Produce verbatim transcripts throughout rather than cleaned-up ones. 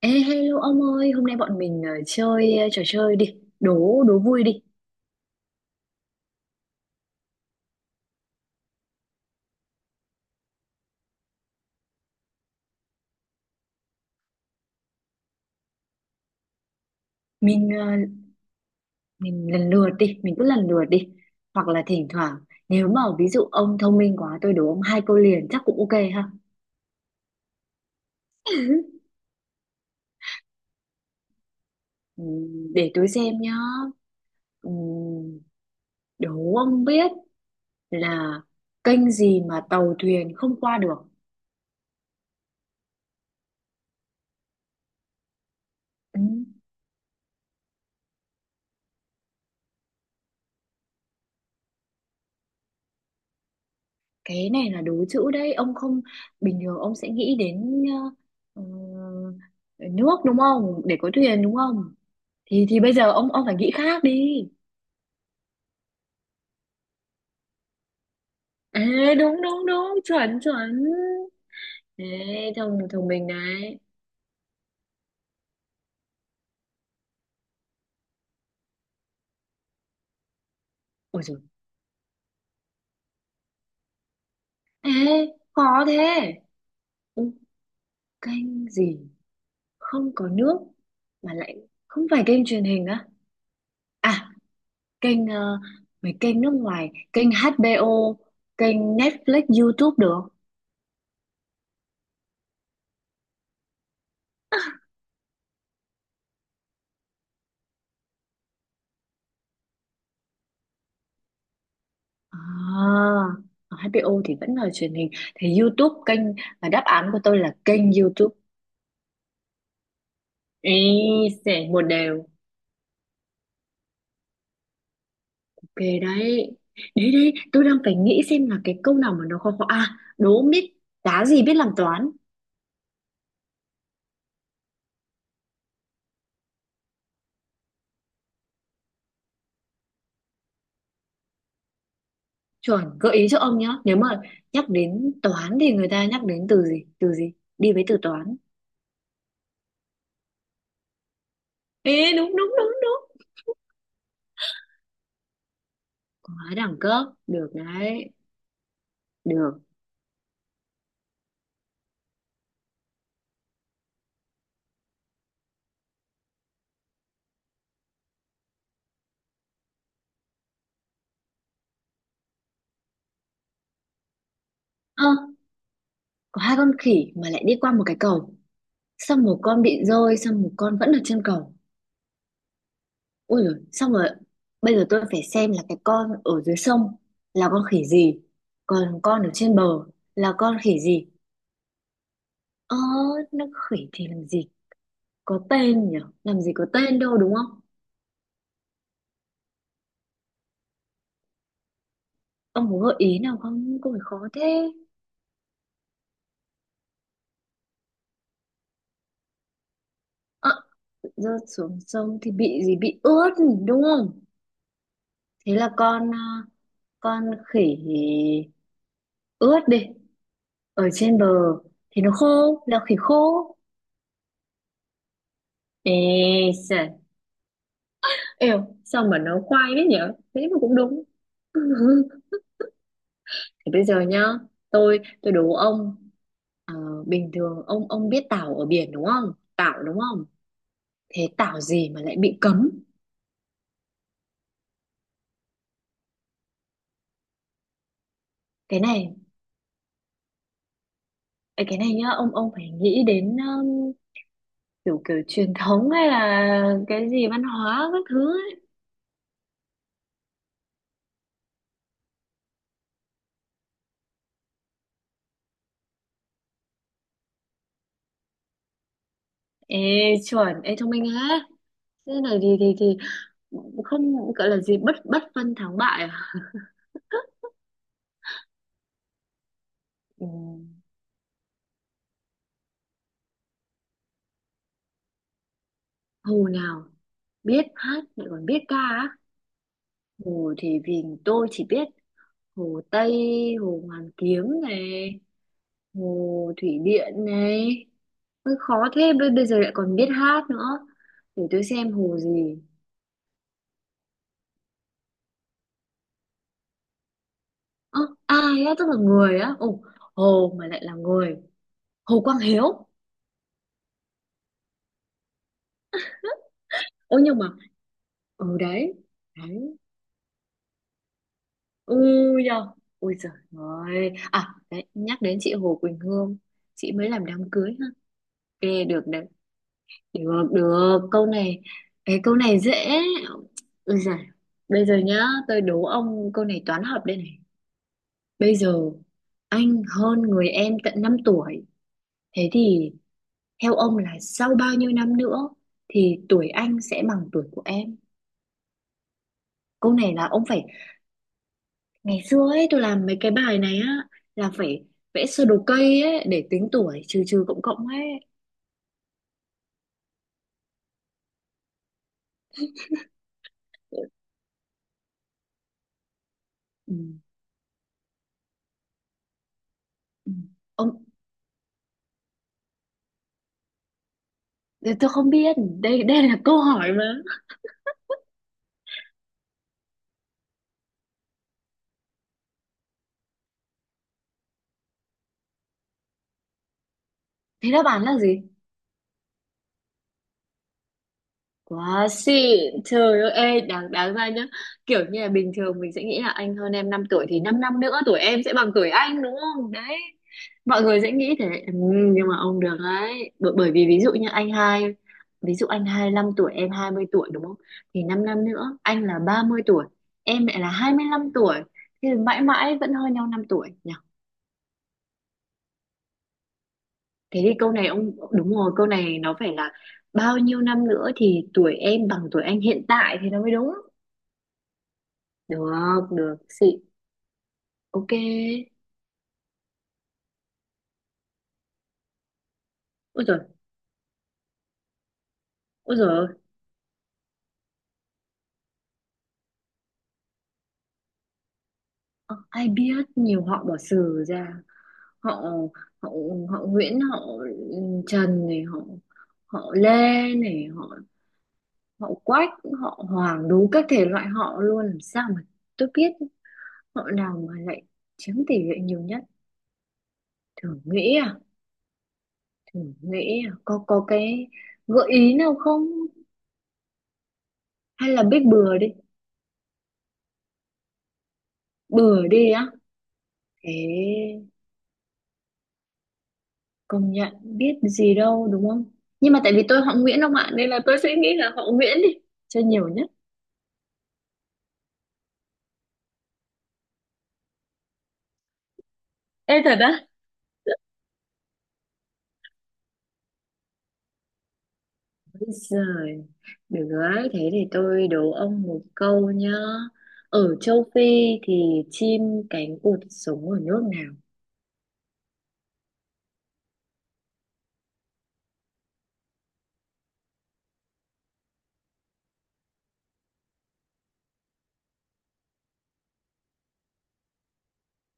Ê, hello ông ơi, hôm nay bọn mình ờ, chơi ờ, trò chơi đi, đố đố vui đi. Mình ờ, mình lần lượt đi, mình cứ lần lượt đi. Hoặc là thỉnh thoảng nếu mà ví dụ ông thông minh quá tôi đố ông hai câu liền chắc cũng ok ha. Ừm, để tôi xem nhá. Ừm, đố ông biết là kênh gì mà tàu thuyền không qua được. Ừm, cái này là đố chữ đấy, ông không bình thường ông sẽ nghĩ đến ờ, ờ, nước đúng không? Để có thuyền đúng không? thì thì bây giờ ông ông phải nghĩ khác đi. Ê, đúng đúng đúng, chuẩn chuẩn. Ê, thông thông minh đấy. Ôi rồi. Ê, khó thế. Ừ, kênh gì không có nước mà lại không phải kênh truyền hình á? À, kênh ờ, mấy kênh nước ngoài, kênh hát bê ô, kênh Netflix, YouTube được. À, hát bê ô thì vẫn là truyền hình, thì YouTube kênh, và đáp án của tôi là kênh YouTube. Ý, sẽ một đều. Ok đấy. Đấy đấy, tôi đang phải nghĩ xem là cái câu nào mà nó khó khó. À, đố biết đá gì biết làm toán. Chuẩn, gợi ý cho ông nhá. Nếu mà nhắc đến toán thì người ta nhắc đến từ gì? Từ gì? Đi với từ toán. Ê, đúng đúng đúng đúng. Quá đẳng cấp. Được đấy. Được. Ơ, có hai con khỉ mà lại đi qua một cái cầu. Xong một con bị rơi, xong một con vẫn ở trên cầu. Ui dồi, xong rồi bây giờ tôi phải xem là cái con ở dưới sông là con khỉ gì, còn con ở trên bờ là con khỉ gì. Ơ, nó khỉ thì làm gì có tên nhỉ, làm gì có tên đâu đúng không? Ông có gợi ý nào không, có phải khó thế. Ờ, rớt xuống sông thì bị gì, bị ướt đúng không? Thế là con à, con khỉ ướt đi, ở trên bờ thì nó khô là khỉ khô. Ê sợ. Eo, sao mà nó khoai thế nhở? Thế mà cũng đúng. Thì bây giờ nhá, tôi tôi đố ông, ờ, bình thường ông ông biết tảo ở biển đúng không? Tảo đúng không? Thế tảo gì mà lại bị cấm? Cái này, ấy, cái này nhá, ông ông phải nghĩ đến um, kiểu kiểu truyền thống hay là cái gì văn hóa các thứ ấy. Ê chuẩn, ê thông minh á. Thế này thì thì thì không gọi là gì bất bất phân thắng bại à? Ừ, hồ nào biết hát lại còn biết ca á? Hồ thì vì tôi chỉ biết Hồ Tây, Hồ Hoàn Kiếm này, Hồ Thủy Điện này. Hơi khó thế, bây bây giờ lại còn biết hát nữa. Để tôi xem hồ gì. Ơ, ai á, tức là người á. Ồ, hồ mà lại là người. Hồ Quang Hiếu. Ôi nhưng mà, ừ đấy. Đấy. Ui da. Ôi giời ơi. À, đấy, nhắc đến chị Hồ Quỳnh Hương. Chị mới làm đám cưới ha. Ghê được đấy. Được, được, câu này, cái câu này dễ. Ôi giời, bây giờ nhá, tôi đố ông câu này toán học đây này. Bây giờ anh hơn người em tận năm tuổi, thế thì theo ông là sau bao nhiêu năm nữa thì tuổi anh sẽ bằng tuổi của em? Câu này là ông phải, ngày xưa ấy tôi làm mấy cái bài này á, là phải vẽ sơ đồ cây ấy để tính tuổi, trừ trừ cộng cộng ấy. Ừ. Ừ. Ông, tôi không biết, đây đây là câu hỏi mà. Thế đáp án là gì? Quá xịn, trời ơi, ê, đáng, đáng ra nhá. Kiểu như là bình thường mình sẽ nghĩ là anh hơn em năm tuổi. Thì 5 năm năm nữa tuổi em sẽ bằng tuổi anh đúng không? Đấy, mọi người sẽ nghĩ thế, ừ. Nhưng mà ông được đấy, bởi, bởi vì ví dụ như anh hai. Ví dụ anh hai mươi lăm tuổi, em hai mươi tuổi đúng không? Thì 5 năm năm nữa, anh là ba mươi tuổi, em lại là hai mươi lăm tuổi. Thì mãi mãi vẫn hơn nhau năm tuổi nhỉ? Thế thì câu này ông, đúng rồi, câu này nó phải là bao nhiêu năm nữa thì tuổi em bằng tuổi anh hiện tại thì nó mới đúng. Được, được, xịn, ok. Ôi giời, ôi giời ơi. Ờ, ai biết nhiều họ bỏ sử ra. Họ, họ, họ Nguyễn, họ Trần này, họ, họ Lê này, họ, họ Quách, họ Hoàng, đủ các thể loại họ luôn. Làm sao mà tôi biết họ nào mà lại chiếm tỷ lệ nhiều nhất. Thử nghĩ à, thử nghĩ à, có, có cái gợi ý nào không? Hay là biết bừa đi, bừa đi á. Thế công nhận biết gì đâu đúng không, nhưng mà tại vì tôi họ Nguyễn ông ạ nên là tôi sẽ nghĩ là họ Nguyễn đi, cho nhiều nhất. Ê thật á? Bây giờ được rồi thế thì tôi đố ông một câu nhá. Ở châu Phi thì chim cánh cụt sống ở nước nào?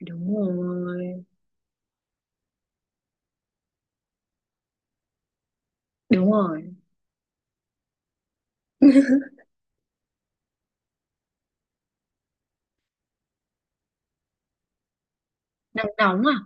Đúng rồi, đúng rồi. Nắng nóng à?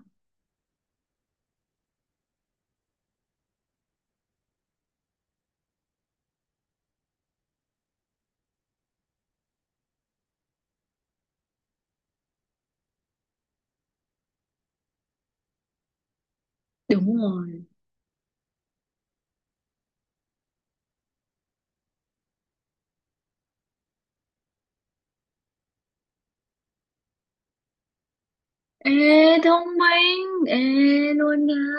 Đúng rồi. Ê thông minh, ê luôn nha.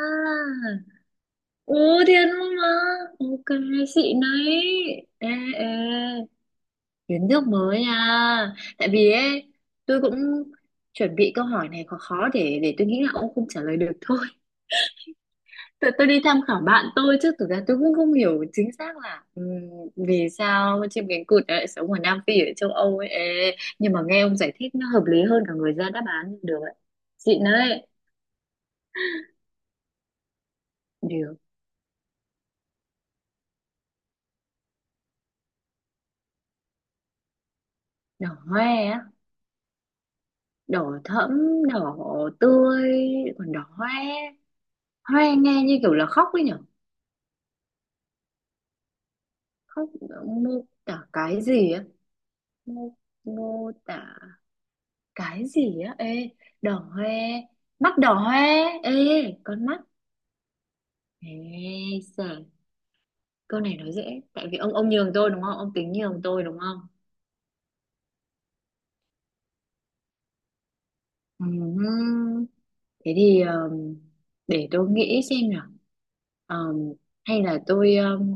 Ồ, thiệt luôn mà. Ok, xịn đấy. Ê, ê, kiến thức mới à. Tại vì ấy, tôi cũng chuẩn bị câu hỏi này khó khó để để tôi nghĩ là ông không trả lời được thôi. Tôi, tôi đi tham khảo bạn tôi chứ thực ra tôi cũng không hiểu chính xác là ừm, vì sao chim cánh cụt lại sống ở Nam Phi ở châu Âu ấy. Ê, nhưng mà nghe ông giải thích nó hợp lý hơn cả người ra đáp án được ấy. Xịn đấy. Điều đỏ hoe á, đỏ thẫm, đỏ tươi, còn đỏ hoe. Hoe nghe như kiểu là khóc ấy nhở? Khóc mô tả cái gì á? mô, Mô tả cái gì á, ê, đỏ hoe, mắt đỏ hoe, ê, con mắt. Ê giời, câu này nói dễ tại vì ông ông nhường tôi đúng không, ông tính nhường tôi đúng không? Ừm, thế thì ờm, để tôi nghĩ xem nào. Ờm, Hay là tôi ờm,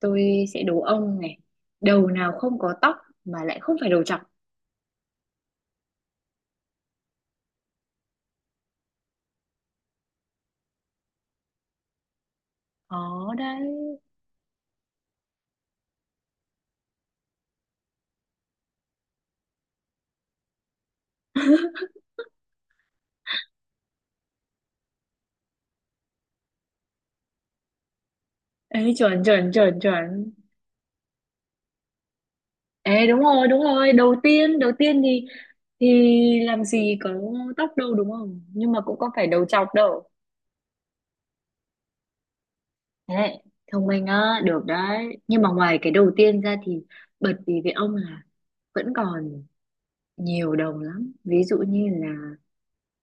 tôi sẽ đố ông này, đầu nào không có tóc mà lại không phải đầu trọc. Đó đấy. Ê, chuẩn chuẩn chuẩn chuẩn. Ê đúng rồi, đúng rồi, đầu tiên, đầu tiên thì thì làm gì có tóc đâu đúng không? Nhưng mà cũng có phải đầu trọc đâu. Thế, thông minh á, được đấy. Nhưng mà ngoài cái đầu tiên ra thì bật vì với ông là vẫn còn nhiều đồng lắm. Ví dụ như là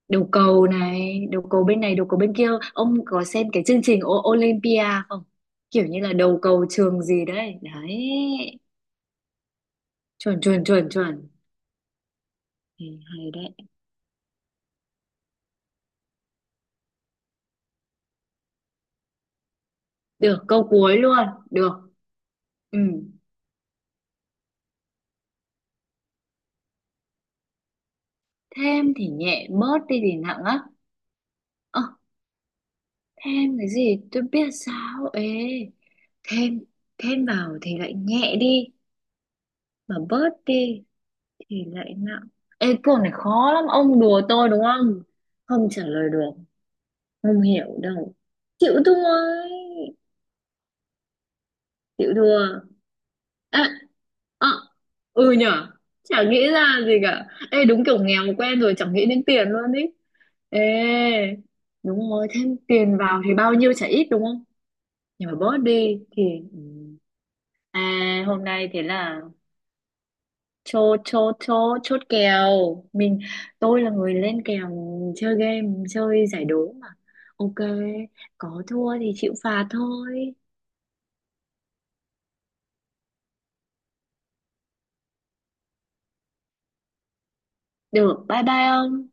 đầu cầu này, đầu cầu bên này, đầu cầu bên kia. Ông có xem cái chương trình O- Olympia không? Kiểu như là đầu cầu trường gì đấy. Đấy, chuẩn chuẩn chuẩn chuẩn. Ừ, hay đấy. Được, câu cuối luôn. Được. Ừ. Thêm thì nhẹ, bớt đi thì nặng á. Ờ, thêm cái gì tôi biết sao ấy. Thêm, Thêm vào thì lại nhẹ đi. Mà bớt đi thì lại nặng. Ê, câu này khó lắm. Ông đùa tôi đúng không? Không trả lời được. Không hiểu đâu. Chịu thua ấy. Chịu thua. À, à, ừ nhở. Chả nghĩ ra gì cả. Ê, đúng kiểu nghèo quen rồi. Chẳng nghĩ đến tiền luôn ý. Ê, đúng rồi. Thêm tiền vào thì bao nhiêu chả ít đúng không? Nhưng mà birthday thì ừ. À, hôm nay thế là chốt chốt chốt chốt kèo mình, tôi là người lên kèo chơi game chơi giải đố mà, ok, có thua thì chịu phạt thôi. Được, bye bye ông.